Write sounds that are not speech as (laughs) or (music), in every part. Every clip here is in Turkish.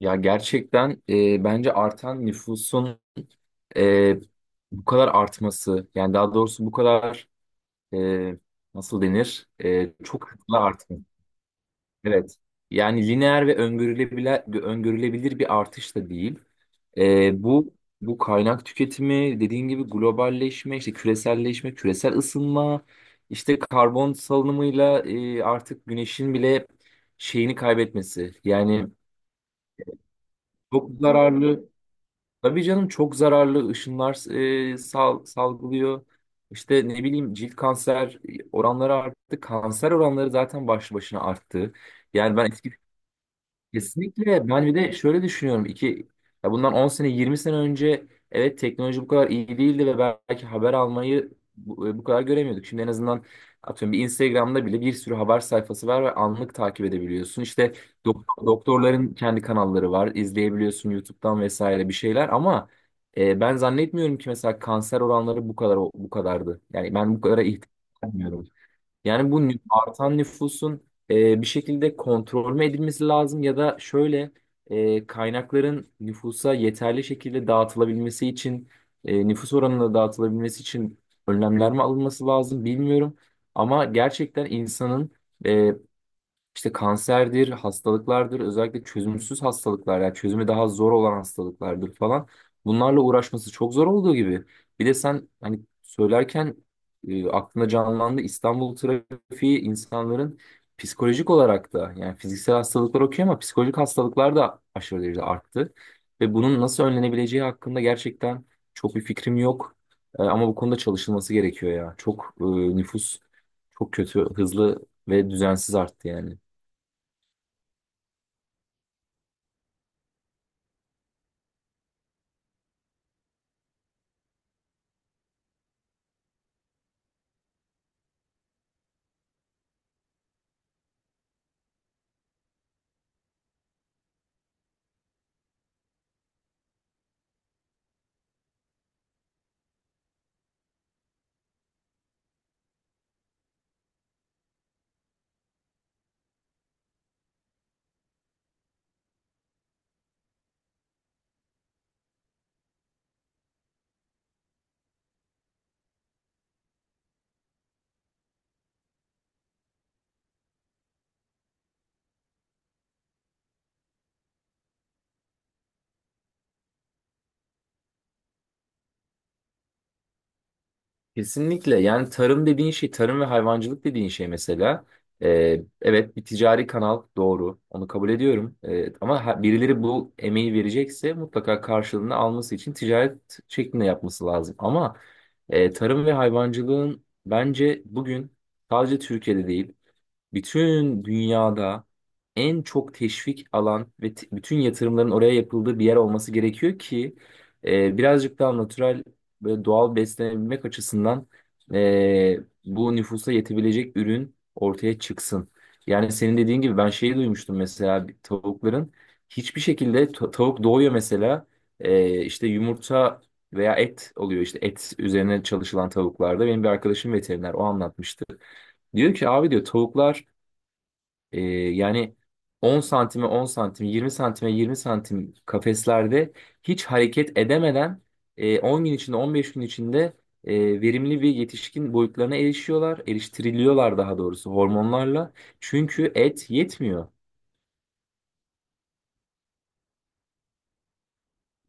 Ya gerçekten, bence artan nüfusun e, bu kadar artması, yani daha doğrusu bu kadar e, nasıl denir, çok hızlı artması. Evet. Yani lineer ve öngörülebilir, bir artış da değil. E, bu bu kaynak tüketimi dediğin gibi globalleşme, işte küreselleşme, küresel ısınma, işte karbon salınımıyla artık güneşin bile şeyini kaybetmesi. Yani çok zararlı. Tabii canım, çok zararlı ışınlar salgılıyor. İşte ne bileyim, cilt kanser oranları arttı. Kanser oranları zaten başlı başına arttı. Yani ben eski Kesinlikle, ben bir de şöyle düşünüyorum. İki ya bundan 10 sene 20 sene önce evet, teknoloji bu kadar iyi değildi ve belki haber almayı bu kadar göremiyorduk. Şimdi en azından atıyorum bir Instagram'da bile bir sürü haber sayfası var ve anlık takip edebiliyorsun. İşte doktorların kendi kanalları var, izleyebiliyorsun YouTube'dan vesaire bir şeyler. Ama ben zannetmiyorum ki mesela kanser oranları bu kadar bu kadardı. Yani ben bu kadar ihtiyaç duymuyorum. Yani bu artan nüfusun bir şekilde kontrol mü edilmesi lazım, ya da şöyle, kaynakların nüfusa yeterli şekilde dağıtılabilmesi için, nüfus oranına dağıtılabilmesi için önlemler mi alınması lazım, bilmiyorum. Ama gerçekten, insanın e, işte kanserdir, hastalıklardır, özellikle çözümsüz hastalıklar, yani çözümü daha zor olan hastalıklardır falan, bunlarla uğraşması çok zor olduğu gibi. Bir de sen hani söylerken aklına canlandı, İstanbul trafiği. İnsanların psikolojik olarak da, yani fiziksel hastalıklar okey, ama psikolojik hastalıklar da aşırı derecede arttı. Ve bunun nasıl önlenebileceği hakkında gerçekten çok bir fikrim yok. Ama bu konuda çalışılması gerekiyor ya. Çok nüfus çok kötü, hızlı ve düzensiz arttı yani. Kesinlikle. Yani tarım dediğin şey, tarım ve hayvancılık dediğin şey mesela, evet, bir ticari kanal, doğru, onu kabul ediyorum. Ama birileri bu emeği verecekse, mutlaka karşılığını alması için ticaret şeklinde yapması lazım. Ama tarım ve hayvancılığın, bence bugün sadece Türkiye'de değil, bütün dünyada en çok teşvik alan ve bütün yatırımların oraya yapıldığı bir yer olması gerekiyor ki, birazcık daha natürel ve doğal beslenebilmek açısından e, bu nüfusa yetebilecek ürün ortaya çıksın. Yani senin dediğin gibi, ben şeyi duymuştum mesela. Bir tavukların hiçbir şekilde tavuk doğuyor mesela, işte yumurta veya et oluyor, işte et üzerine çalışılan tavuklarda. Benim bir arkadaşım veteriner, o anlatmıştı. Diyor ki, abi diyor, tavuklar yani 10 santime 10 santim, 20 santime 20 santim kafeslerde hiç hareket edemeden, 10 gün içinde, 15 gün içinde, verimli bir yetişkin boyutlarına erişiyorlar. Eriştiriliyorlar daha doğrusu, hormonlarla. Çünkü et yetmiyor.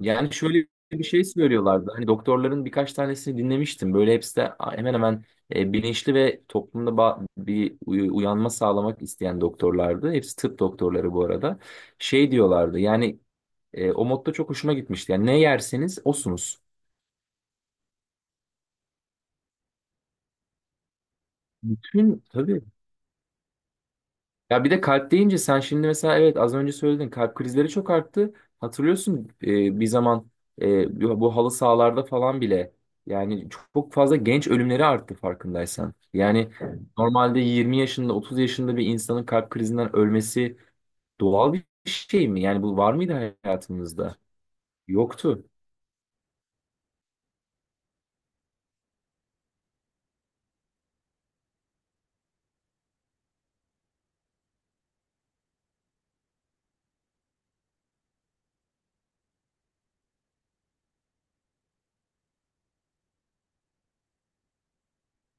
Yani şöyle bir şey söylüyorlardı. Hani doktorların birkaç tanesini dinlemiştim. Böyle hepsi de hemen hemen bilinçli ve toplumda bir uyanma sağlamak isteyen doktorlardı. Hepsi tıp doktorları bu arada. Şey diyorlardı yani. O modda çok hoşuma gitmişti: yani ne yerseniz osunuz. Bütün tabii. Ya bir de, kalp deyince sen şimdi mesela, evet az önce söyledin, kalp krizleri çok arttı. Hatırlıyorsun, bir zaman, bu halı sahalarda falan bile, yani çok fazla genç ölümleri arttı, farkındaysan. Yani normalde 20 yaşında, 30 yaşında bir insanın kalp krizinden ölmesi doğal bir şey mi? Yani bu var mıydı hayatımızda? Yoktu.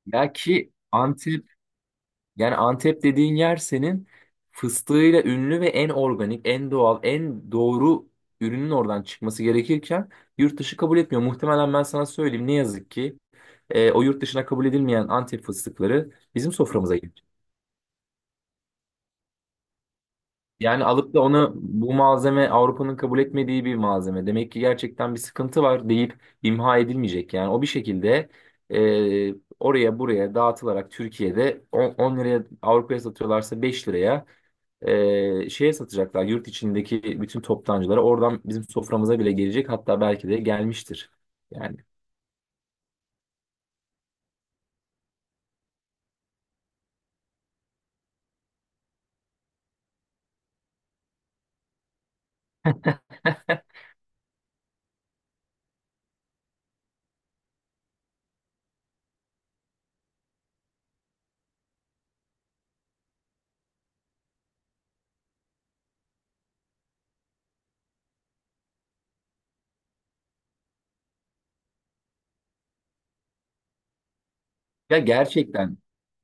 Ya ki Antep Yani Antep dediğin yer, senin fıstığıyla ünlü ve en organik, en doğal, en doğru ürünün oradan çıkması gerekirken, yurt dışı kabul etmiyor. Muhtemelen, ben sana söyleyeyim, ne yazık ki o yurt dışına kabul edilmeyen Antep fıstıkları bizim soframıza... Yani alıp da onu, bu malzeme Avrupa'nın kabul etmediği bir malzeme. Demek ki gerçekten bir sıkıntı var deyip imha edilmeyecek. Yani o bir şekilde e, oraya buraya dağıtılarak, Türkiye'de 10, 10 liraya Avrupa'ya satıyorlarsa, 5 liraya şeye satacaklar. Yurt içindeki bütün toptancılara, oradan bizim soframıza bile gelecek, hatta belki de gelmiştir. Yani. Ya gerçekten,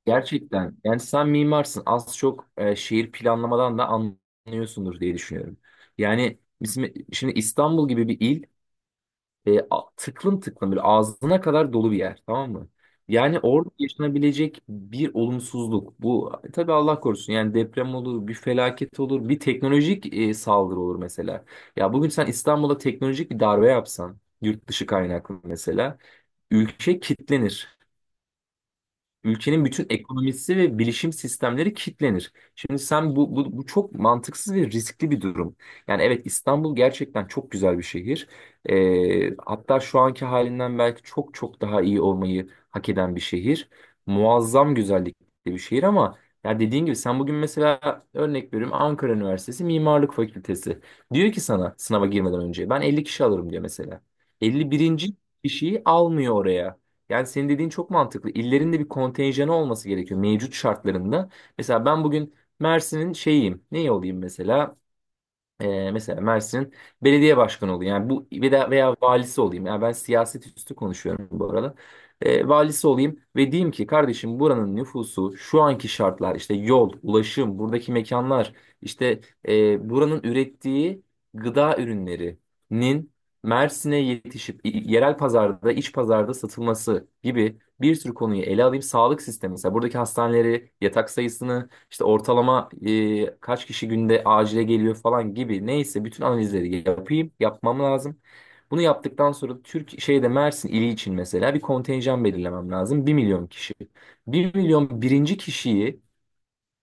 Yani sen mimarsın. Az çok şehir planlamadan da anlıyorsundur diye düşünüyorum. Yani bizim şimdi İstanbul gibi bir il, tıklım tıklım, böyle ağzına kadar dolu bir yer, tamam mı? Yani orada yaşanabilecek bir olumsuzluk, bu tabii Allah korusun. Yani deprem olur, bir felaket olur, bir teknolojik saldırı olur mesela. Ya bugün sen İstanbul'a teknolojik bir darbe yapsan, yurt dışı kaynaklı mesela, ülke kitlenir. Ülkenin bütün ekonomisi ve bilişim sistemleri kilitlenir. Şimdi sen, bu çok mantıksız ve riskli bir durum. Yani evet, İstanbul gerçekten çok güzel bir şehir. Hatta şu anki halinden belki çok çok daha iyi olmayı hak eden bir şehir, muazzam güzellikli bir şehir. Ama ya dediğin gibi, sen bugün mesela, örnek veriyorum, Ankara Üniversitesi Mimarlık Fakültesi diyor ki sana, sınava girmeden önce ben 50 kişi alırım diyor mesela. 51'inci kişiyi almıyor oraya. Yani senin dediğin çok mantıklı. İllerin de bir kontenjanı olması gerekiyor, mevcut şartlarında. Mesela ben bugün Mersin'in şeyiyim, ne olayım mesela? Mesela Mersin'in belediye başkanı olayım, yani bu, veya valisi olayım. Yani ben siyaset üstü konuşuyorum bu arada. Valisi olayım ve diyeyim ki, kardeşim buranın nüfusu, şu anki şartlar, işte yol, ulaşım, buradaki mekanlar, işte buranın ürettiği gıda ürünlerinin Mersin'e yetişip, yerel pazarda, iç pazarda satılması gibi bir sürü konuyu ele alayım. Sağlık sistemi mesela, buradaki hastaneleri, yatak sayısını, işte ortalama kaç kişi günde acile geliyor falan gibi, neyse, bütün analizleri yapayım, yapmam lazım. Bunu yaptıktan sonra Türk şeyde, Mersin ili için mesela bir kontenjan belirlemem lazım: 1.000.000 kişi. 1.000.001'inci kişiyi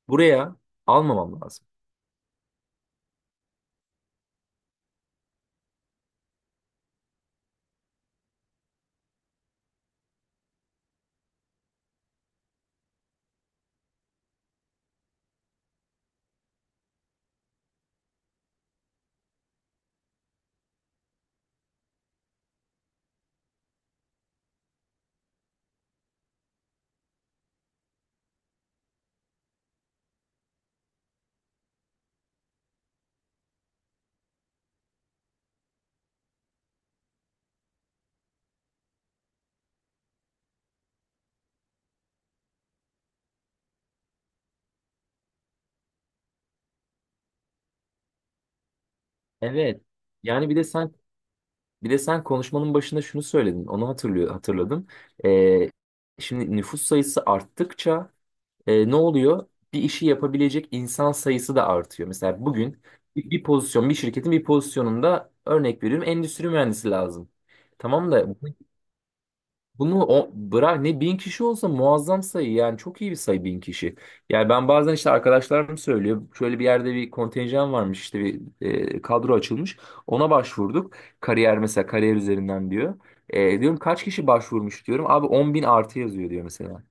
buraya almamam lazım. Evet. Yani bir de sen konuşmanın başında şunu söyledin, onu hatırladım. E, şimdi nüfus sayısı arttıkça ne oluyor? Bir işi yapabilecek insan sayısı da artıyor. Mesela bugün bir pozisyon, bir şirketin bir pozisyonunda, örnek veriyorum, endüstri mühendisi lazım. Tamam da, bunu o, bırak ne bin kişi olsa muazzam sayı, yani çok iyi bir sayı bin kişi. Yani ben bazen işte, arkadaşlarım söylüyor, şöyle bir yerde bir kontenjan varmış, işte bir kadro açılmış, ona başvurduk. Kariyer mesela, kariyer üzerinden diyor. Diyorum kaç kişi başvurmuş, diyorum, abi 10 bin artı yazıyor diyor mesela.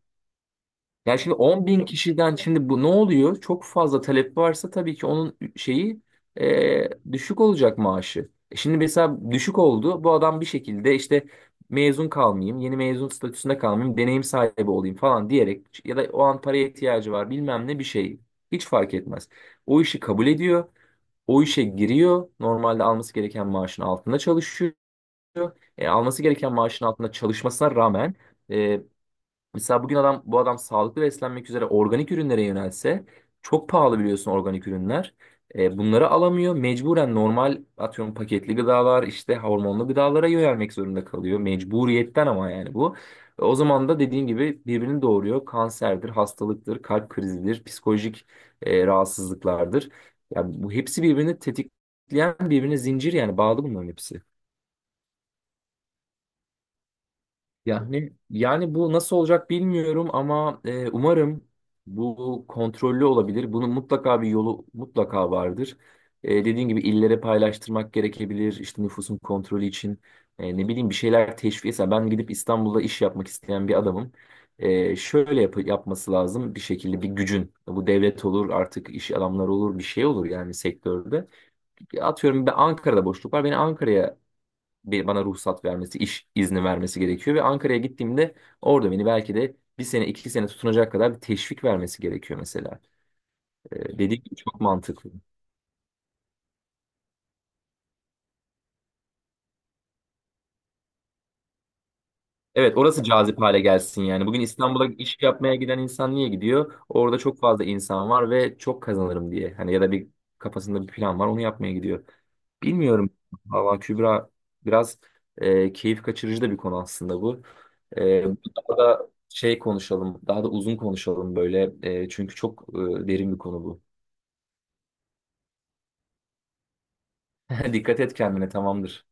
Yani şimdi 10 bin kişiden, şimdi bu ne oluyor? Çok fazla talep varsa, tabii ki onun şeyi düşük olacak maaşı. Şimdi mesela düşük oldu. Bu adam bir şekilde işte, mezun kalmayayım, yeni mezun statüsünde kalmayayım, deneyim sahibi olayım falan diyerek, ya da o an paraya ihtiyacı var, bilmem ne bir şey. Hiç fark etmez. O işi kabul ediyor. O işe giriyor. Normalde alması gereken maaşın altında çalışıyor. Alması gereken maaşın altında çalışmasına rağmen, mesela bugün adam, bu adam sağlıklı beslenmek üzere organik ürünlere yönelse, çok pahalı biliyorsun organik ürünler. Bunları alamıyor. Mecburen normal, atıyorum paketli gıdalar, işte hormonlu gıdalara yönelmek zorunda kalıyor, mecburiyetten. Ama yani bu, o zaman da dediğin gibi, birbirini doğuruyor. Kanserdir, hastalıktır, kalp krizidir, psikolojik rahatsızlıklardır. Yani bu hepsi birbirini tetikleyen, birbirine zincir yani, bağlı bunların hepsi. Yani bu nasıl olacak bilmiyorum, ama umarım bu kontrollü olabilir. Bunun mutlaka bir yolu mutlaka vardır. Dediğin gibi, illere paylaştırmak gerekebilir. İşte nüfusun kontrolü için ne bileyim, bir şeyler teşvik. Mesela ben gidip İstanbul'da iş yapmak isteyen bir adamım. Şöyle yapması lazım bir şekilde bir gücün. Bu devlet olur, artık iş adamları olur, bir şey olur, yani sektörde. Atıyorum ben, Ankara'da boşluk var. Beni Ankara'ya, bir, bana ruhsat vermesi, iş izni vermesi gerekiyor ve Ankara'ya gittiğimde orada beni belki de bir sene, iki sene tutunacak kadar bir teşvik vermesi gerekiyor mesela. Dediğim gibi çok mantıklı. Evet, orası cazip hale gelsin yani. Bugün İstanbul'a iş yapmaya giden insan niye gidiyor? Orada çok fazla insan var ve çok kazanırım diye. Hani ya da bir kafasında bir plan var, onu yapmaya gidiyor. Bilmiyorum. Valla Kübra, biraz keyif kaçırıcı da bir konu aslında bu. E, daha da şey konuşalım, daha da uzun konuşalım böyle. Çünkü çok derin bir konu bu. (laughs) Dikkat et kendine, tamamdır.